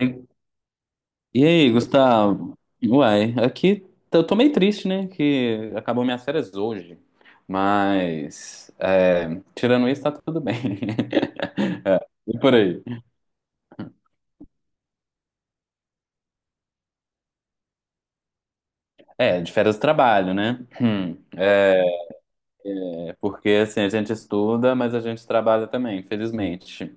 E e aí, Gustavo? Uai, aqui eu tô meio triste, né? Que acabou minhas férias hoje. Mas, é, tirando isso, tá tudo bem. É, e por aí? É, de férias do trabalho, né? Porque, assim, a gente estuda, mas a gente trabalha também, infelizmente.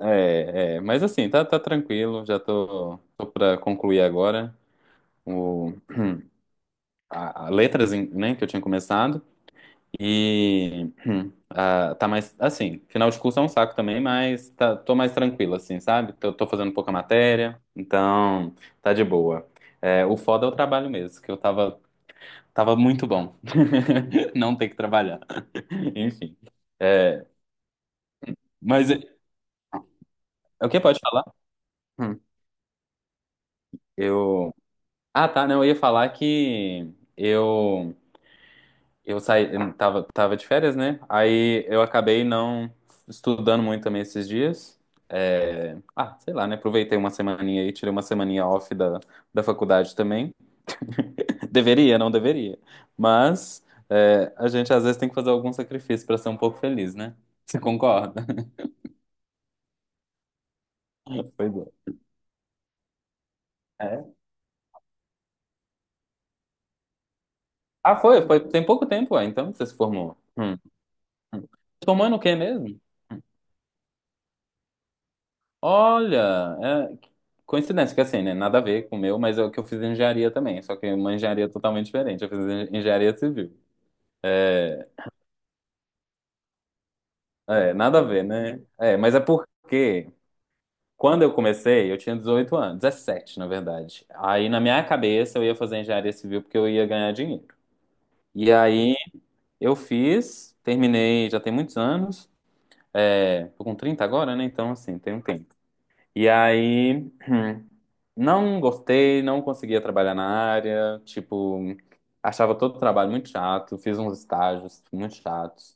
Mas, assim, tá, tá tranquilo. Já tô pra concluir agora o, a letras, né, que eu tinha começado. E tá mais assim, final de curso é um saco também, mas tá, tô mais tranquilo, assim, sabe? Tô fazendo pouca matéria, então tá de boa. É, o foda é o trabalho mesmo, que eu tava muito bom. Não ter que trabalhar. Enfim. É, mas é o que pode falar? Hum, eu. Ah, tá, não, eu ia falar que eu. Eu saí, eu tava de férias, né? Aí eu acabei não estudando muito também esses dias. Sei lá, né? Aproveitei uma semaninha aí, tirei uma semaninha off da faculdade também. Deveria, não deveria. Mas é, a gente às vezes tem que fazer algum sacrifício para ser um pouco feliz, né? Você concorda? Pois é. É. Ah, tem pouco tempo, ah, então que você se formou. Hum. Hum. Se formou no quê mesmo? Olha, é, coincidência que assim, né? Nada a ver com o meu, mas é o que eu fiz em engenharia também, só que é uma engenharia totalmente diferente. Eu fiz engenharia civil. É, nada a ver, né? É, mas é porque quando eu comecei, eu tinha 18 anos, 17, na verdade. Aí na minha cabeça eu ia fazer engenharia civil porque eu ia ganhar dinheiro. E aí eu fiz, terminei já tem muitos anos. É, tô com 30 agora, né? Então, assim, tem um tempo. E aí. Não gostei, não conseguia trabalhar na área, tipo, achava todo o trabalho muito chato, fiz uns estágios muito chatos.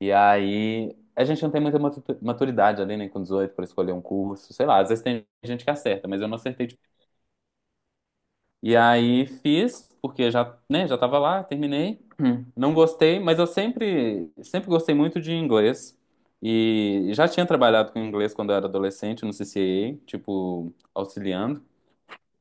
E aí, a gente não tem muita maturidade ali, né, com 18 para escolher um curso, sei lá, às vezes tem gente que acerta, mas eu não acertei. Tipo. E aí fiz, porque já, né, já tava lá, terminei. Não gostei, mas eu sempre, sempre gostei muito de inglês. E já tinha trabalhado com inglês quando eu era adolescente no CCA, tipo, auxiliando.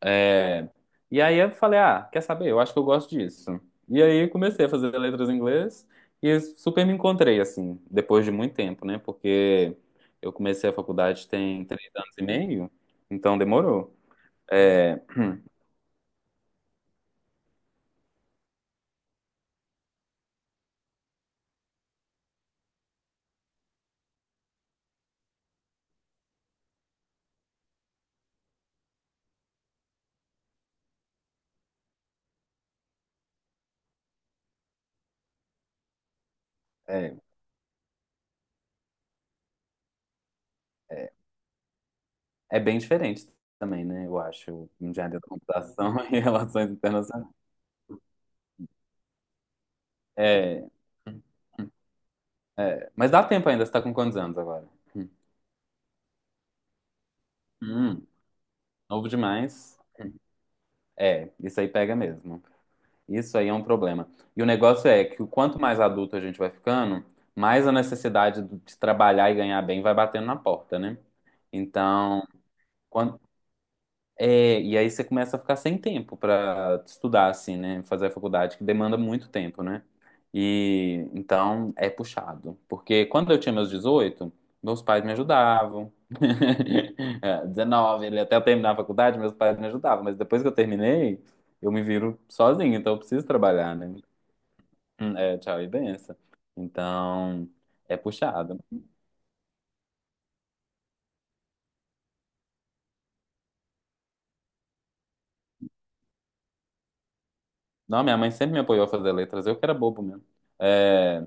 É, e aí eu falei, ah, quer saber? Eu acho que eu gosto disso. E aí comecei a fazer letras em inglês e super me encontrei, assim, depois de muito tempo, né? Porque eu comecei a faculdade tem 3 anos e meio, então demorou. É, é, é, é bem diferente também, né? Eu acho, engenharia da computação e relações internacionais. É, mas dá tempo ainda, você tá com quantos anos agora? Hum, novo demais. É, isso aí pega mesmo. Isso aí é um problema. E o negócio é que o quanto mais adulto a gente vai ficando, mais a necessidade de trabalhar e ganhar bem vai batendo na porta, né? Então, quan- e aí você começa a ficar sem tempo pra estudar, assim, né? Fazer a faculdade, que demanda muito tempo, né? E então é puxado. Porque quando eu tinha meus 18, meus pais me ajudavam. É, 19, ele até eu terminar a faculdade, meus pais me ajudavam. Mas depois que eu terminei, eu me viro sozinho, então eu preciso trabalhar, né? É, tchau e benção. Então, é puxado. Não, minha mãe sempre me apoiou a fazer letras, eu que era bobo mesmo. É,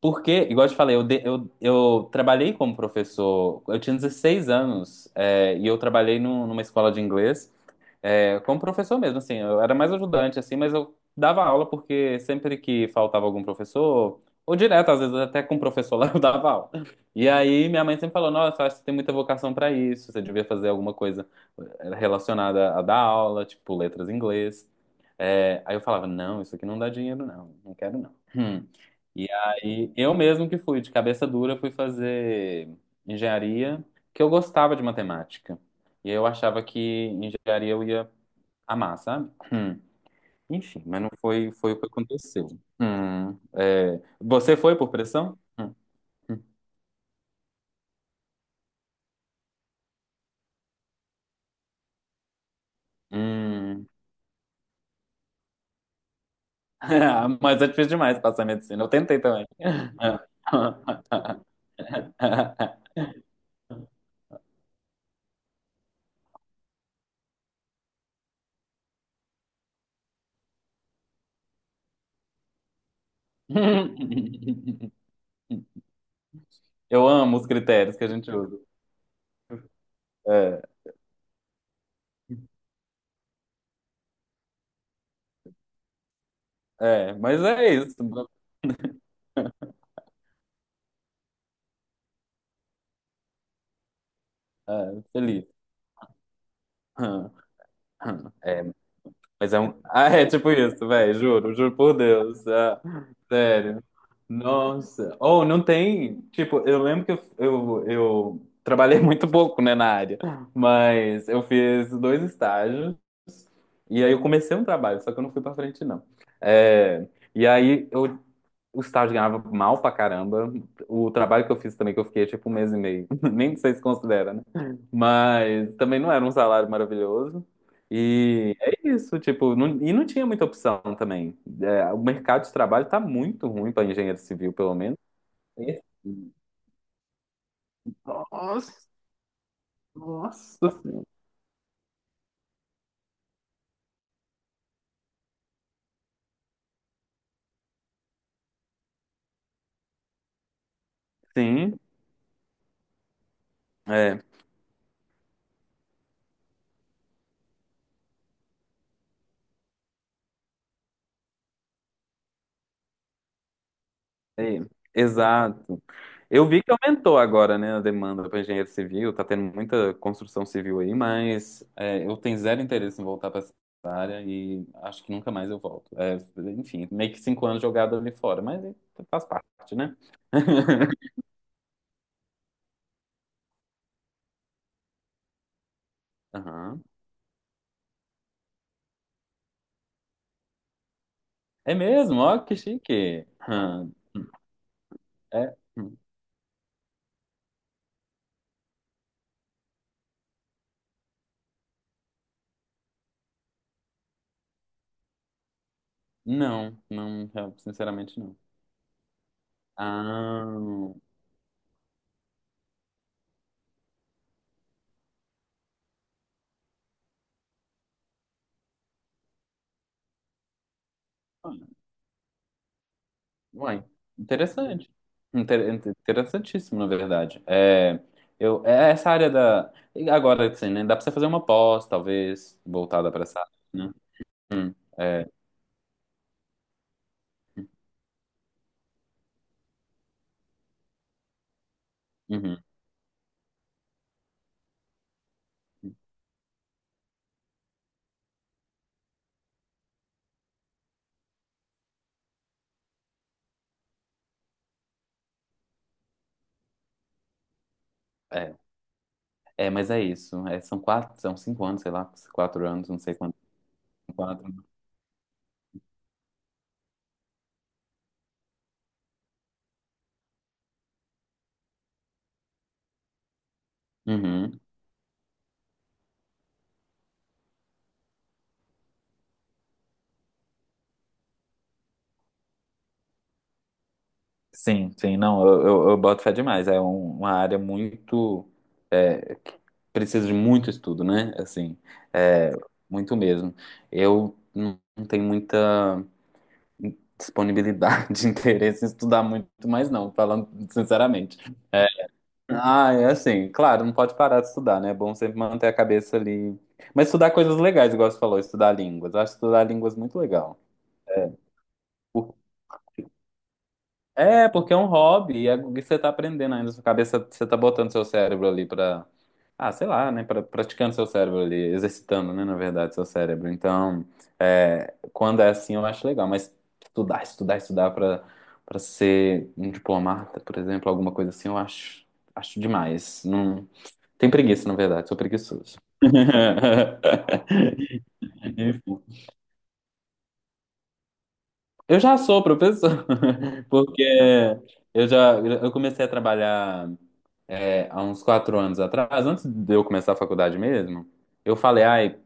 porque, igual eu te falei, eu trabalhei como professor, eu tinha 16 anos, é, e eu trabalhei numa escola de inglês, é, como professor mesmo, assim, eu era mais ajudante, assim, mas eu dava aula porque sempre que faltava algum professor, ou direto, às vezes até com o professor lá, eu dava aula. E aí minha mãe sempre falou, nossa, acho que você tem muita vocação pra isso, você devia fazer alguma coisa eh, relacionada a dar aula, tipo letras em inglês. É, aí eu falava, não, isso aqui não dá dinheiro, não, não quero não. Hum. E aí eu mesmo que fui, de cabeça dura, fui fazer engenharia, que eu gostava de matemática. E eu achava que engenharia eu ia amar, sabe? Hum. Enfim, mas não foi, foi o que aconteceu. Hum. É, você foi por pressão? Hum. Hum. Ah, mas é difícil demais passar medicina. Eu tentei também. Eu amo os critérios que a gente usa. É, mas é isso. É, feliz. Hum. Hum. É, mas é um. Ah, é tipo isso, velho, juro, juro por Deus. Ah, sério. Nossa. Ou não tem. Tipo, eu lembro que eu trabalhei muito pouco, né, na área, mas eu fiz dois estágios e aí eu comecei um trabalho, só que eu não fui pra frente, não. É, e aí eu o estágio ganhava mal pra caramba. O trabalho que eu fiz também, que eu fiquei tipo um mês e meio. Nem sei se considera, né? Mas também não era um salário maravilhoso. E é isso, tipo, e não tinha muita opção também. É, o mercado de trabalho tá muito ruim pra engenheiro civil, pelo menos. É. Nossa, nossa. Sim, é, é, exato. Eu vi que aumentou agora, né, a demanda para engenheiro civil, tá tendo muita construção civil aí, mas é, eu tenho zero interesse em voltar para essa área e acho que nunca mais eu volto. É, enfim, meio que 5 anos jogado ali fora, mas é, faz parte, né? Aham. É mesmo? Ó, que chique. Aham. É. Hum, não, não, sinceramente não. Ah, uai, interessante. Interessantíssimo, na verdade. É, eu, é essa área da. E agora, assim, né? Dá pra você fazer uma pós, talvez, voltada pra essa área, né? É, uhum, é, mas é isso. É, são quatro, são 5 anos, sei lá, 4 anos, não sei quanto. Quatro. Uhum. Sim, sim, não, eu boto fé demais. É uma área muito. É, precisa de muito estudo, né? Assim, é, muito mesmo. Eu não tenho muita. Disponibilidade, interesse em estudar muito, mas não, falando sinceramente. É, é assim, claro, não pode parar de estudar, né? É bom sempre manter a cabeça ali. Mas estudar coisas legais, igual você falou, estudar línguas. Eu acho estudar línguas muito legal. É, porque é um hobby, e é o que você tá aprendendo ainda, sua cabeça, você tá botando seu cérebro ali pra, ah, sei lá, né, pra, praticando seu cérebro ali, exercitando, né, na verdade, seu cérebro. Então, é, quando é assim, eu acho legal, mas estudar, estudar, estudar pra, pra ser um diplomata, por exemplo, alguma coisa assim, eu acho, acho demais. Não, tem preguiça, na verdade, sou preguiçoso. Enfim. Eu já sou professor, porque eu já eu comecei a trabalhar. É, há uns 4 anos atrás, antes de eu começar a faculdade mesmo, eu falei, ai,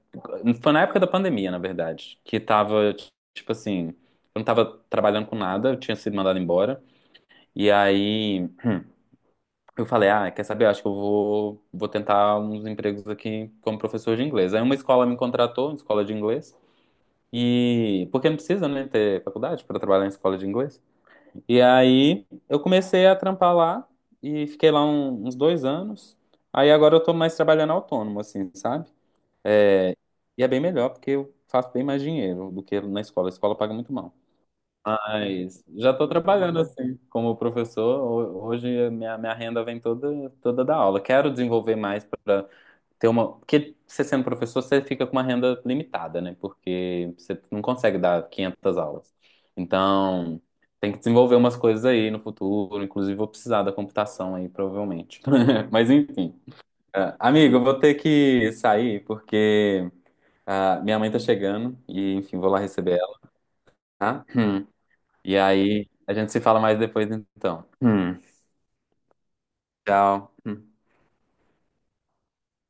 foi na época da pandemia, na verdade, que tava, tipo assim, eu não tava trabalhando com nada, eu tinha sido mandado embora, e aí eu falei, ah, quer saber, eu acho que eu vou tentar uns empregos aqui como professor de inglês. Aí uma escola me contratou, uma escola de inglês, e porque não precisa, né, ter faculdade para trabalhar em escola de inglês. E aí eu comecei a trampar lá e fiquei lá uns 2 anos. Aí agora eu tô mais trabalhando autônomo, assim, sabe? É, e é bem melhor porque eu faço bem mais dinheiro do que na escola. A escola paga muito mal. Mas já tô trabalhando assim, como professor. Hoje a minha renda vem toda, toda da aula. Quero desenvolver mais ter uma. Porque você sendo professor, você fica com uma renda limitada, né? Porque você não consegue dar 500 aulas. Então, tem que desenvolver umas coisas aí no futuro. Inclusive, vou precisar da computação aí, provavelmente. Mas, enfim. Ah, amigo, eu vou ter que sair, porque ah, minha mãe tá chegando. E, enfim, vou lá receber ela, tá? Hum. E aí, a gente se fala mais depois, então. Hum. Tchau. Hum.